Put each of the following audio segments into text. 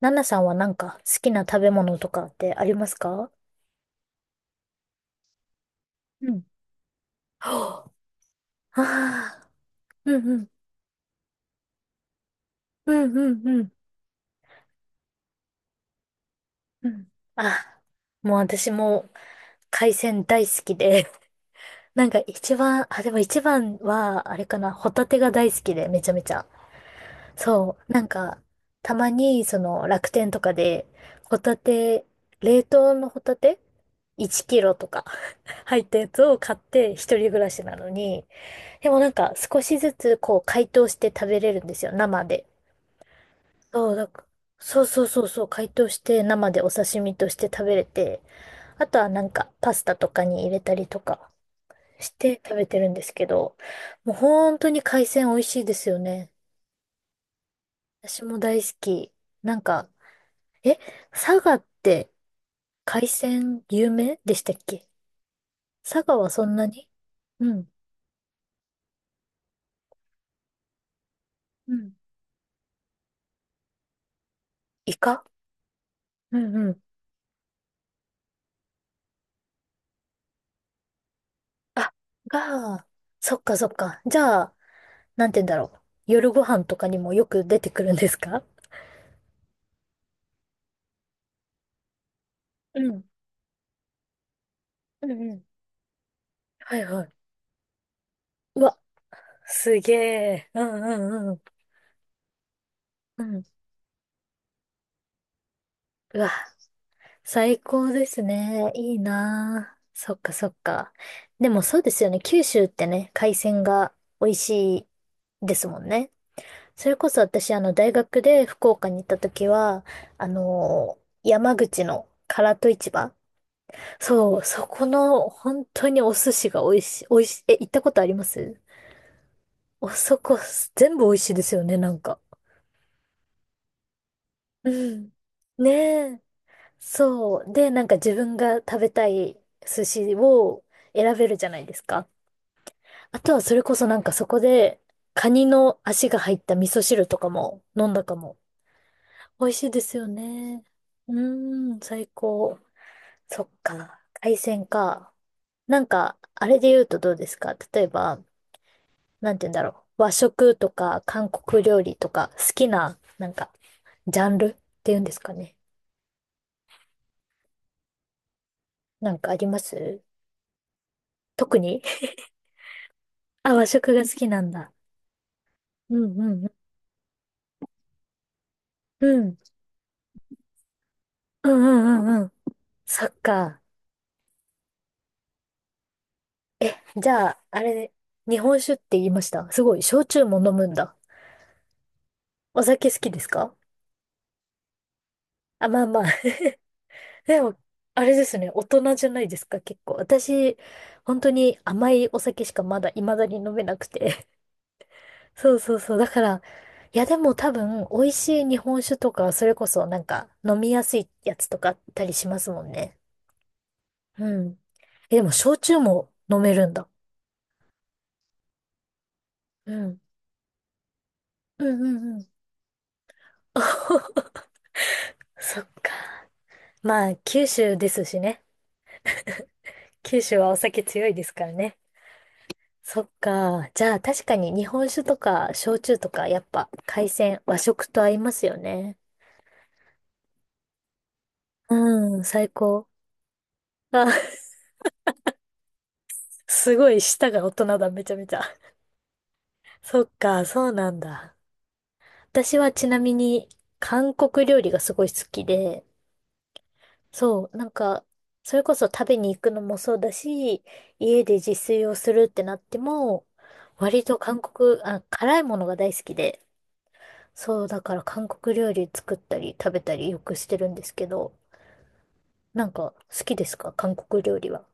ナナさんはなんか好きな食べ物とかってありますか？うん。は。あ、うんうん、うんうんうん。うん。あ、もう私も海鮮大好きで、なんか一番、あ、でも一番は、あれかな、ホタテが大好きで、めちゃめちゃ。そう、なんか、たまに、その、楽天とかで、ホタテ、冷凍のホタテ ?1 キロとか 入ったやつを買って、一人暮らしなのに、でもなんか少しずつこう解凍して食べれるんですよ、生で。そう、だから、そうそうそうそう、解凍して生でお刺身として食べれて、あとはなんかパスタとかに入れたりとかして食べてるんですけど、もう本当に海鮮美味しいですよね。私も大好き。なんか、え、佐賀って海鮮有名でしたっけ？佐賀はそんなに。うん。うん。イカ。うんうん。あ、が、そっかそっか。じゃあ、なんて言うんだろう。夜ご飯とかにもよく出てくるんですか？うん。うんうん。はいはい。うわ、すげえ。うんうんうん。うん。うわ、最高ですね。いいなあ。そっかそっか。でもそうですよね。九州ってね、海鮮が美味しいですもんね。それこそ私、あの、大学で福岡に行った時は、山口の唐戸市場。そう、そこの本当にお寿司が美味しい、美味しい、え、行ったことあります？おそこ、全部美味しいですよね、なんか。うん。ねえ。そう。で、なんか自分が食べたい寿司を選べるじゃないですか。あとはそれこそなんかそこで、カニの足が入った味噌汁とかも飲んだかも。美味しいですよね。うーん、最高。そっか。海鮮か。なんか、あれで言うとどうですか、例えば、なんて言うんだろう。和食とか韓国料理とか好きな、なんかジャンルっていうんですかね。なんかあります？特に。 あ、和食が好きなんだ。うんうんうん。うん。うんうんうんうん。そっか。じゃあ、あれ、日本酒って言いました。すごい、焼酎も飲むんだ。お酒好きですか？あ、まあまあ。でも、あれですね、大人じゃないですか、結構。私、本当に甘いお酒しかまだ、未だに飲めなくて。そうそうそう。だから、いやでも多分、美味しい日本酒とか、それこそなんか、飲みやすいやつとかあったりしますもんね。うん。え、でも、焼酎も飲めるんだ。うん。うんうんうん。そっか。まあ、九州ですしね。九州はお酒強いですからね。そっか。じゃあ、確かに日本酒とか、焼酎とか、やっぱ、海鮮、和食と合いますよね。うん、最高。あ、すごい舌が大人だ、めちゃめちゃ。そっか、そうなんだ。私はちなみに韓国料理がすごい好きで、そう、なんか、それこそ食べに行くのもそうだし、家で自炊をするってなっても、割と韓国、あ、辛いものが大好きで、そう、だから韓国料理作ったり食べたりよくしてるんですけど、なんか好きですか韓国料理は？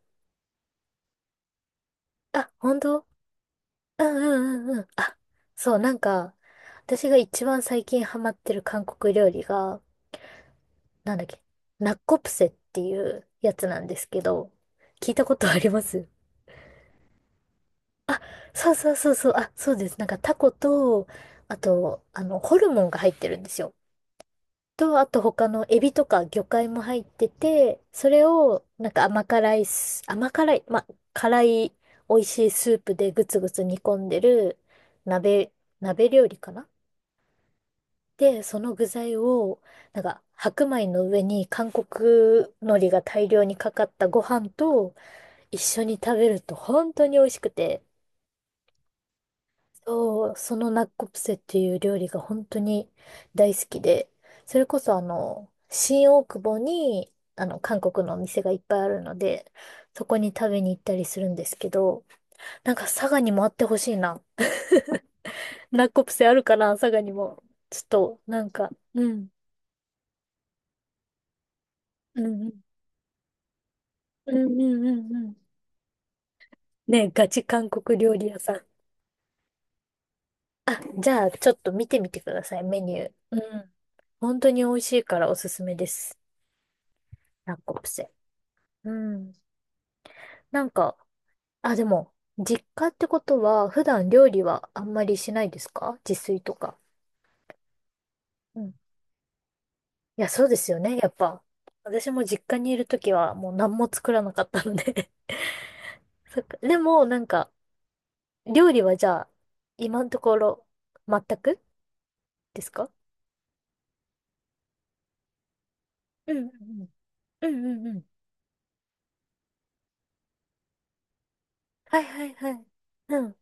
あ、本当？うんうんうんうん。あ、そう、なんか、私が一番最近ハマってる韓国料理が、なんだっけ、ナッコプセっていうやつなんですけど、聞いたことあります？あ、そうそうそうそう、あ、そうです。なんかタコと、あと、あの、ホルモンが入ってるんですよ。と、あと他のエビとか魚介も入ってて、それを、なんか甘辛い甘辛い、ま、辛い美味しいスープでぐつぐつ煮込んでる鍋、鍋料理かな。で、その具材を、なんか、白米の上に韓国海苔が大量にかかったご飯と一緒に食べると本当に美味しくて、そう、そのナッコプセっていう料理が本当に大好きで、それこそあの、新大久保に、あの、韓国のお店がいっぱいあるので、そこに食べに行ったりするんですけど、なんか佐賀にもあってほしいな。ナッコプセあるかな、佐賀にも。ちょっと、なんか、うん、うん、うん、うん、うん、うん、うん。ね、ガチ韓国料理屋さん。あ、じゃあ、ちょっと見てみてください、メニュー。うん。本当に美味しいからおすすめです。ラッコプセ。うん。なんか、あ、でも、実家ってことは、普段料理はあんまりしないですか、自炊とか。うん。いや、そうですよね、やっぱ。私も実家にいるときは、もう何も作らなかったので。 そっか。でも、なんか、料理はじゃあ、今のところ、全くですか？うんうんうん。うんうんうん。はいはいはい。うん。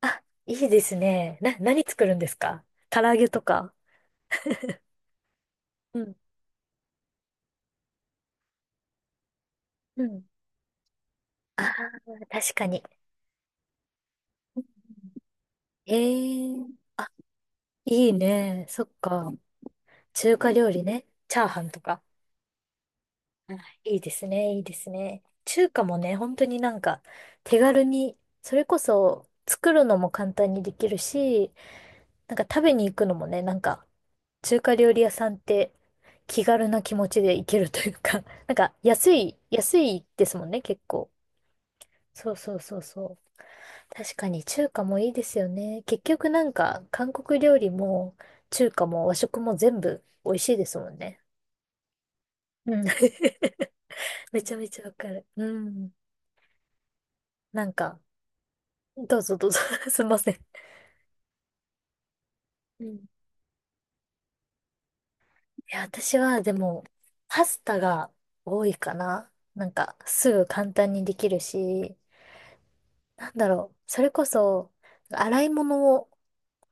あ、いいですね。何作るんですか？唐揚げとか。うん。うん。ああ、確かに。ええ。あ、いいね。そっか。中華料理ね。チャーハンとか。うん。いいですね。いいですね。中華もね、本当になんか手軽に、それこそ作るのも簡単にできるし、なんか食べに行くのもね、なんか中華料理屋さんって気軽な気持ちで行けるというか、 なんか安い、安いですもんね、結構。そうそうそうそう。確かに中華もいいですよね。結局なんか韓国料理も中華も和食も全部美味しいですもんね。うん。めちゃめちゃわかる。うん。なんか、どうぞどうぞ。 すいません。うん。いや、私はでも、パスタが多いかな。なんか、すぐ簡単にできるし、なんだろう。それこそ、洗い物を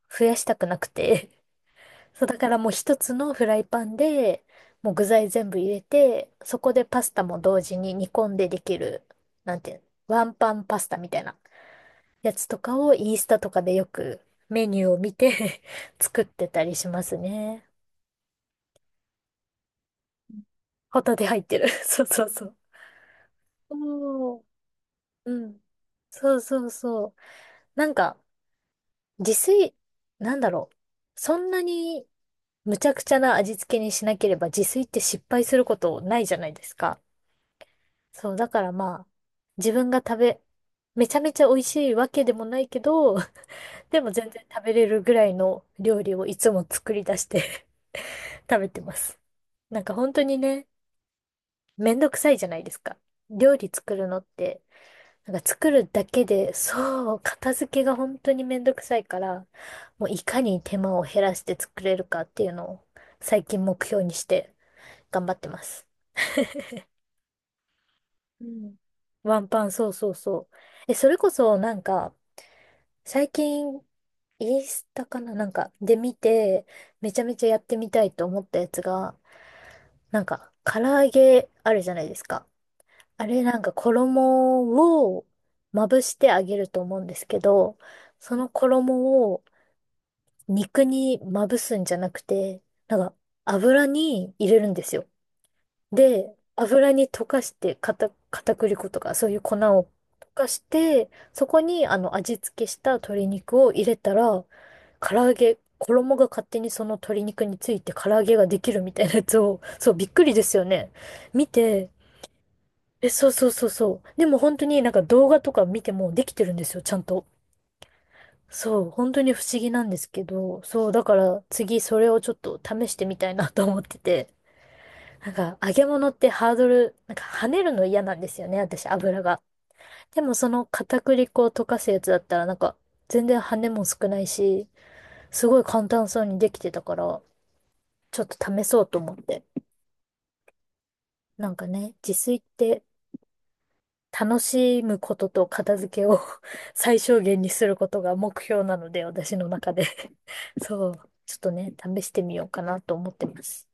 増やしたくなくて。そう、だからもう一つのフライパンで、もう具材全部入れて、そこでパスタも同時に煮込んでできる、なんていうの、ワンパンパスタみたいなやつとかをインスタとかでよくメニューを見て 作ってたりしますね。ホタテ入ってる。そうそうそう。おー。うん。そうそうそう。なんか、自炊、なんだろう。そんなにむちゃくちゃな味付けにしなければ自炊って失敗することないじゃないですか。そう、だからまあ、自分が食べ、めちゃめちゃ美味しいわけでもないけど、でも全然食べれるぐらいの料理をいつも作り出して 食べてます。なんか本当にね、めんどくさいじゃないですか。料理作るのって、なんか作るだけで、そう、片付けが本当にめんどくさいから、もういかに手間を減らして作れるかっていうのを最近目標にして頑張ってます。うん。ワンパン、そうそうそう。え、それこそなんか、最近、インスタかななんか、で見て、めちゃめちゃやってみたいと思ったやつが、なんか、唐揚げあるじゃないですか。あれなんか衣をまぶしてあげると思うんですけど、その衣を肉にまぶすんじゃなくて、なんか油に入れるんですよ。で、油に溶かして、片栗粉とか、そういう粉を溶かして、そこに、あの、味付けした鶏肉を入れたら、唐揚げ、衣が勝手にその鶏肉について唐揚げができるみたいなやつを、そう、びっくりですよね。見て、え、そうそうそうそう。でも本当になんか動画とか見てもできてるんですよ、ちゃんと。そう、本当に不思議なんですけど、そう、だから次それをちょっと試してみたいなと思ってて。なんか、揚げ物ってハードル、なんか跳ねるの嫌なんですよね、私、油が。でもその片栗粉を溶かすやつだったら、なんか、全然跳ねも少ないし、すごい簡単そうにできてたから、ちょっと試そうと思って。なんかね、自炊って楽しむことと片付けを 最小限にすることが目標なので、私の中で。 そう、ちょっとね、試してみようかなと思ってます。